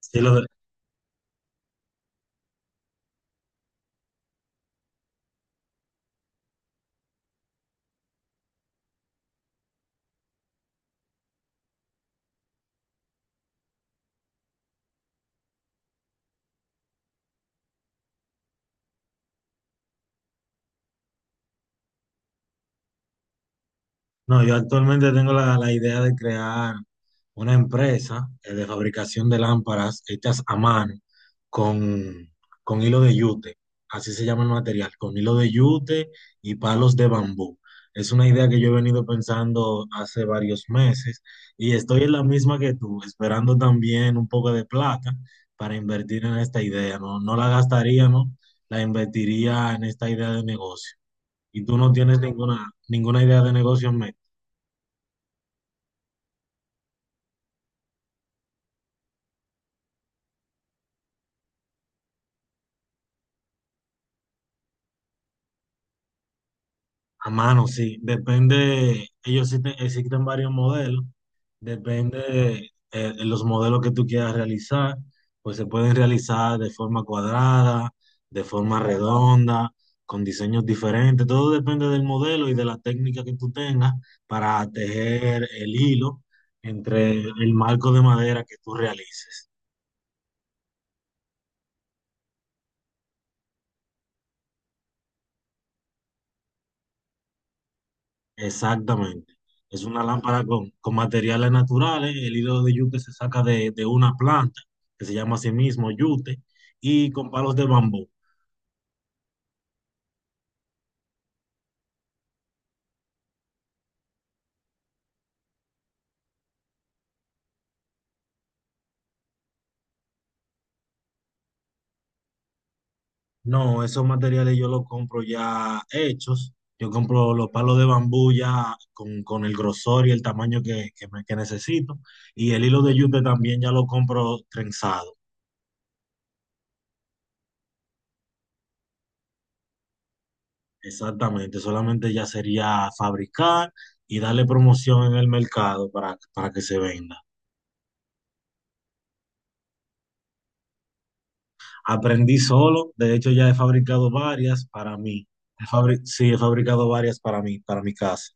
Sí, lo de- No, yo actualmente tengo la idea de crear una empresa de fabricación de lámparas hechas a mano con, con hilo de yute, así se llama el material, con hilo de yute y palos de bambú. Es una idea que yo he venido pensando hace varios meses y estoy en la misma que tú, esperando también un poco de plata para invertir en esta idea, ¿no? No la gastaría, ¿no? La invertiría en esta idea de negocio. Y tú no tienes ninguna idea de negocio en mente. A mano, sí. Depende, ellos existen, existen varios modelos. Depende los modelos que tú quieras realizar. Pues se pueden realizar de forma cuadrada, de forma redonda, con diseños diferentes. Todo depende del modelo y de la técnica que tú tengas para tejer el hilo entre el marco de madera que tú realices. Exactamente. Es una lámpara con materiales naturales. El hilo de yute se saca de una planta que se llama a sí mismo yute y con palos de bambú. No, esos materiales yo los compro ya hechos. Yo compro los palos de bambú ya con el grosor y el tamaño que necesito. Y el hilo de yute también ya lo compro trenzado. Exactamente. Solamente ya sería fabricar y darle promoción en el mercado para que se venda. Aprendí solo, de hecho ya he fabricado varias para mí. Sí, he fabricado varias para mí, para mi casa.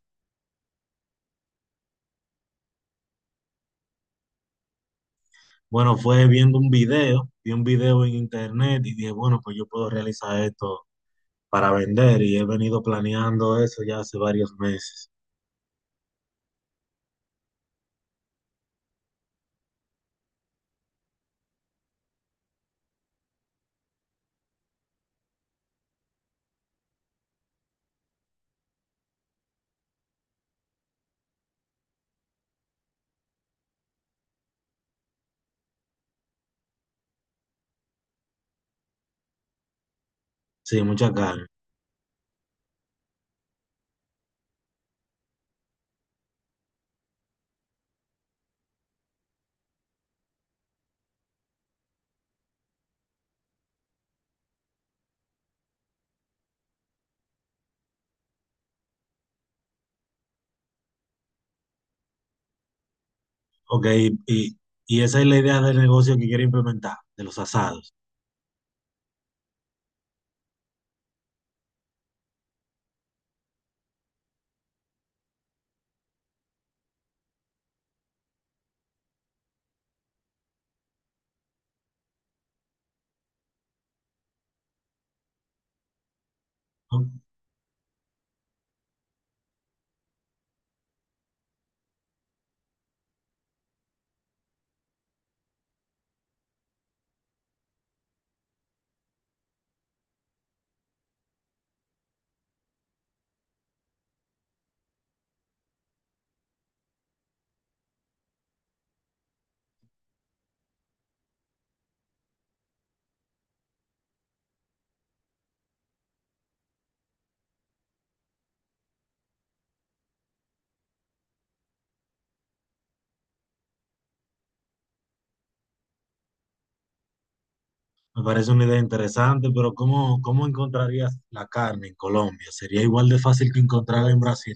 Bueno, fue viendo un video, vi un video en internet y dije, bueno, pues yo puedo realizar esto para vender y he venido planeando eso ya hace varios meses. Sí, mucha carne. Ok, y, y esa es la idea del negocio que quiero implementar, de los asados. ¿No? Me parece una idea interesante, pero ¿cómo, cómo encontrarías la carne en Colombia? ¿Sería igual de fácil que encontrarla en Brasil?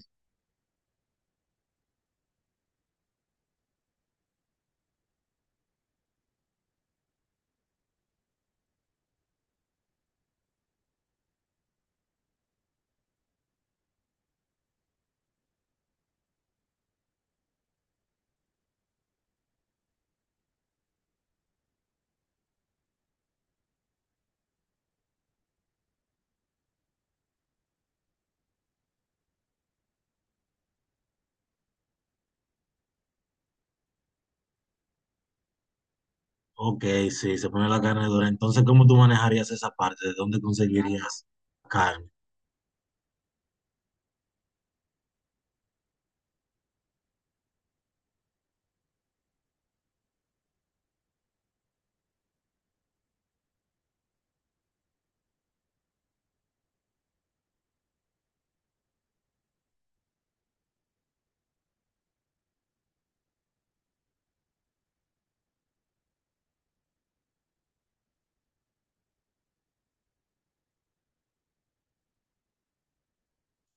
Ok, sí, se pone la carne dura. Entonces, ¿cómo tú manejarías esa parte? ¿De dónde conseguirías carne?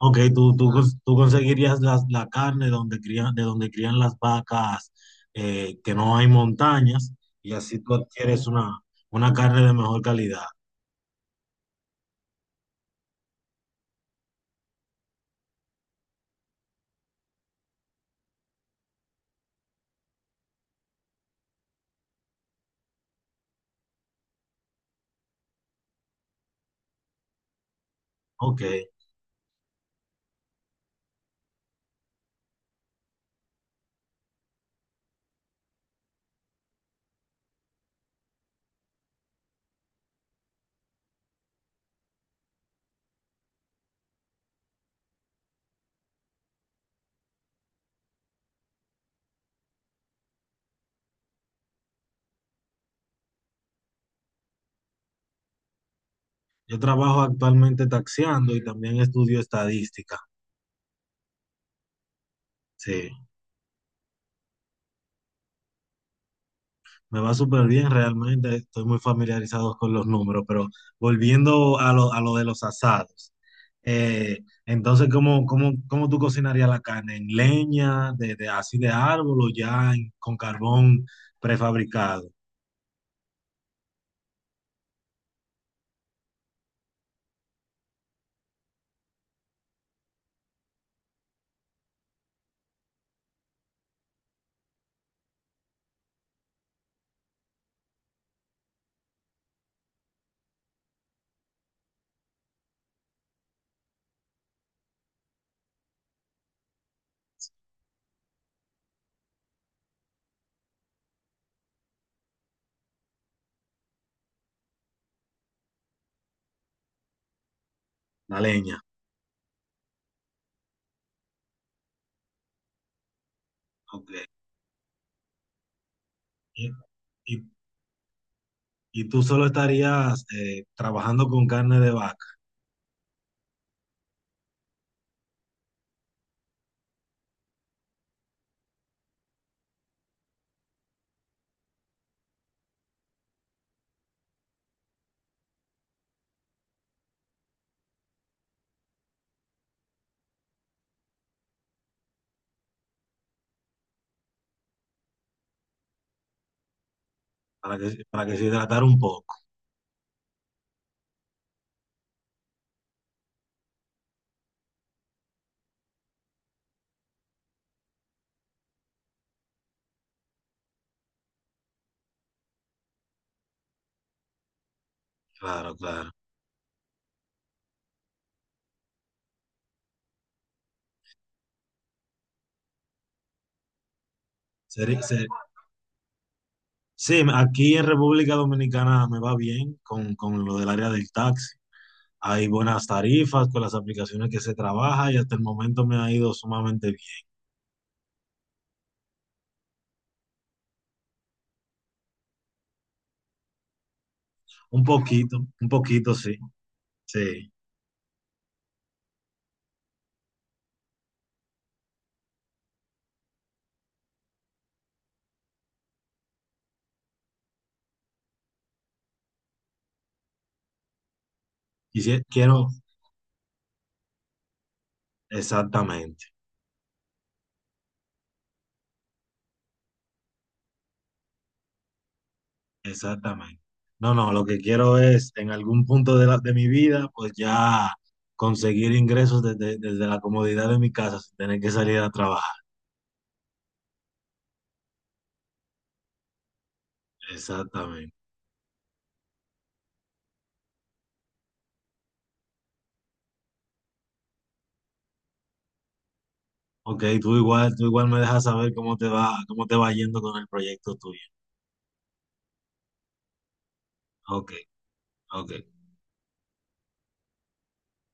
Ok, tú conseguirías la carne donde crían, de donde crían las vacas, que no hay montañas, y así tú adquieres una carne de mejor calidad. Ok, yo trabajo actualmente taxiando y también estudio estadística. Sí. Me va súper bien realmente, estoy muy familiarizado con los números, pero volviendo a a lo de los asados, eh, entonces, ¿ cómo tú cocinarías la carne? ¿En leña, así de árbol o con carbón prefabricado? La leña. Ok. Y, y- y tú solo estarías trabajando con carne de vaca para que se hidratara un poco. Claro, claro. Seri- se- Sí, aquí en República Dominicana me va bien con lo del área del taxi. Hay buenas tarifas con las aplicaciones que se trabaja y hasta el momento me ha ido sumamente bien. Un poquito, sí, sí. Quisi- quiero, exactamente, exactamente. No, lo que quiero es en algún punto de, la- de mi vida, pues ya conseguir ingresos desde la comodidad de mi casa sin tener que salir a trabajar. Exactamente. Ok, tú igual me dejas saber cómo te va yendo con el proyecto tuyo. Ok, ok.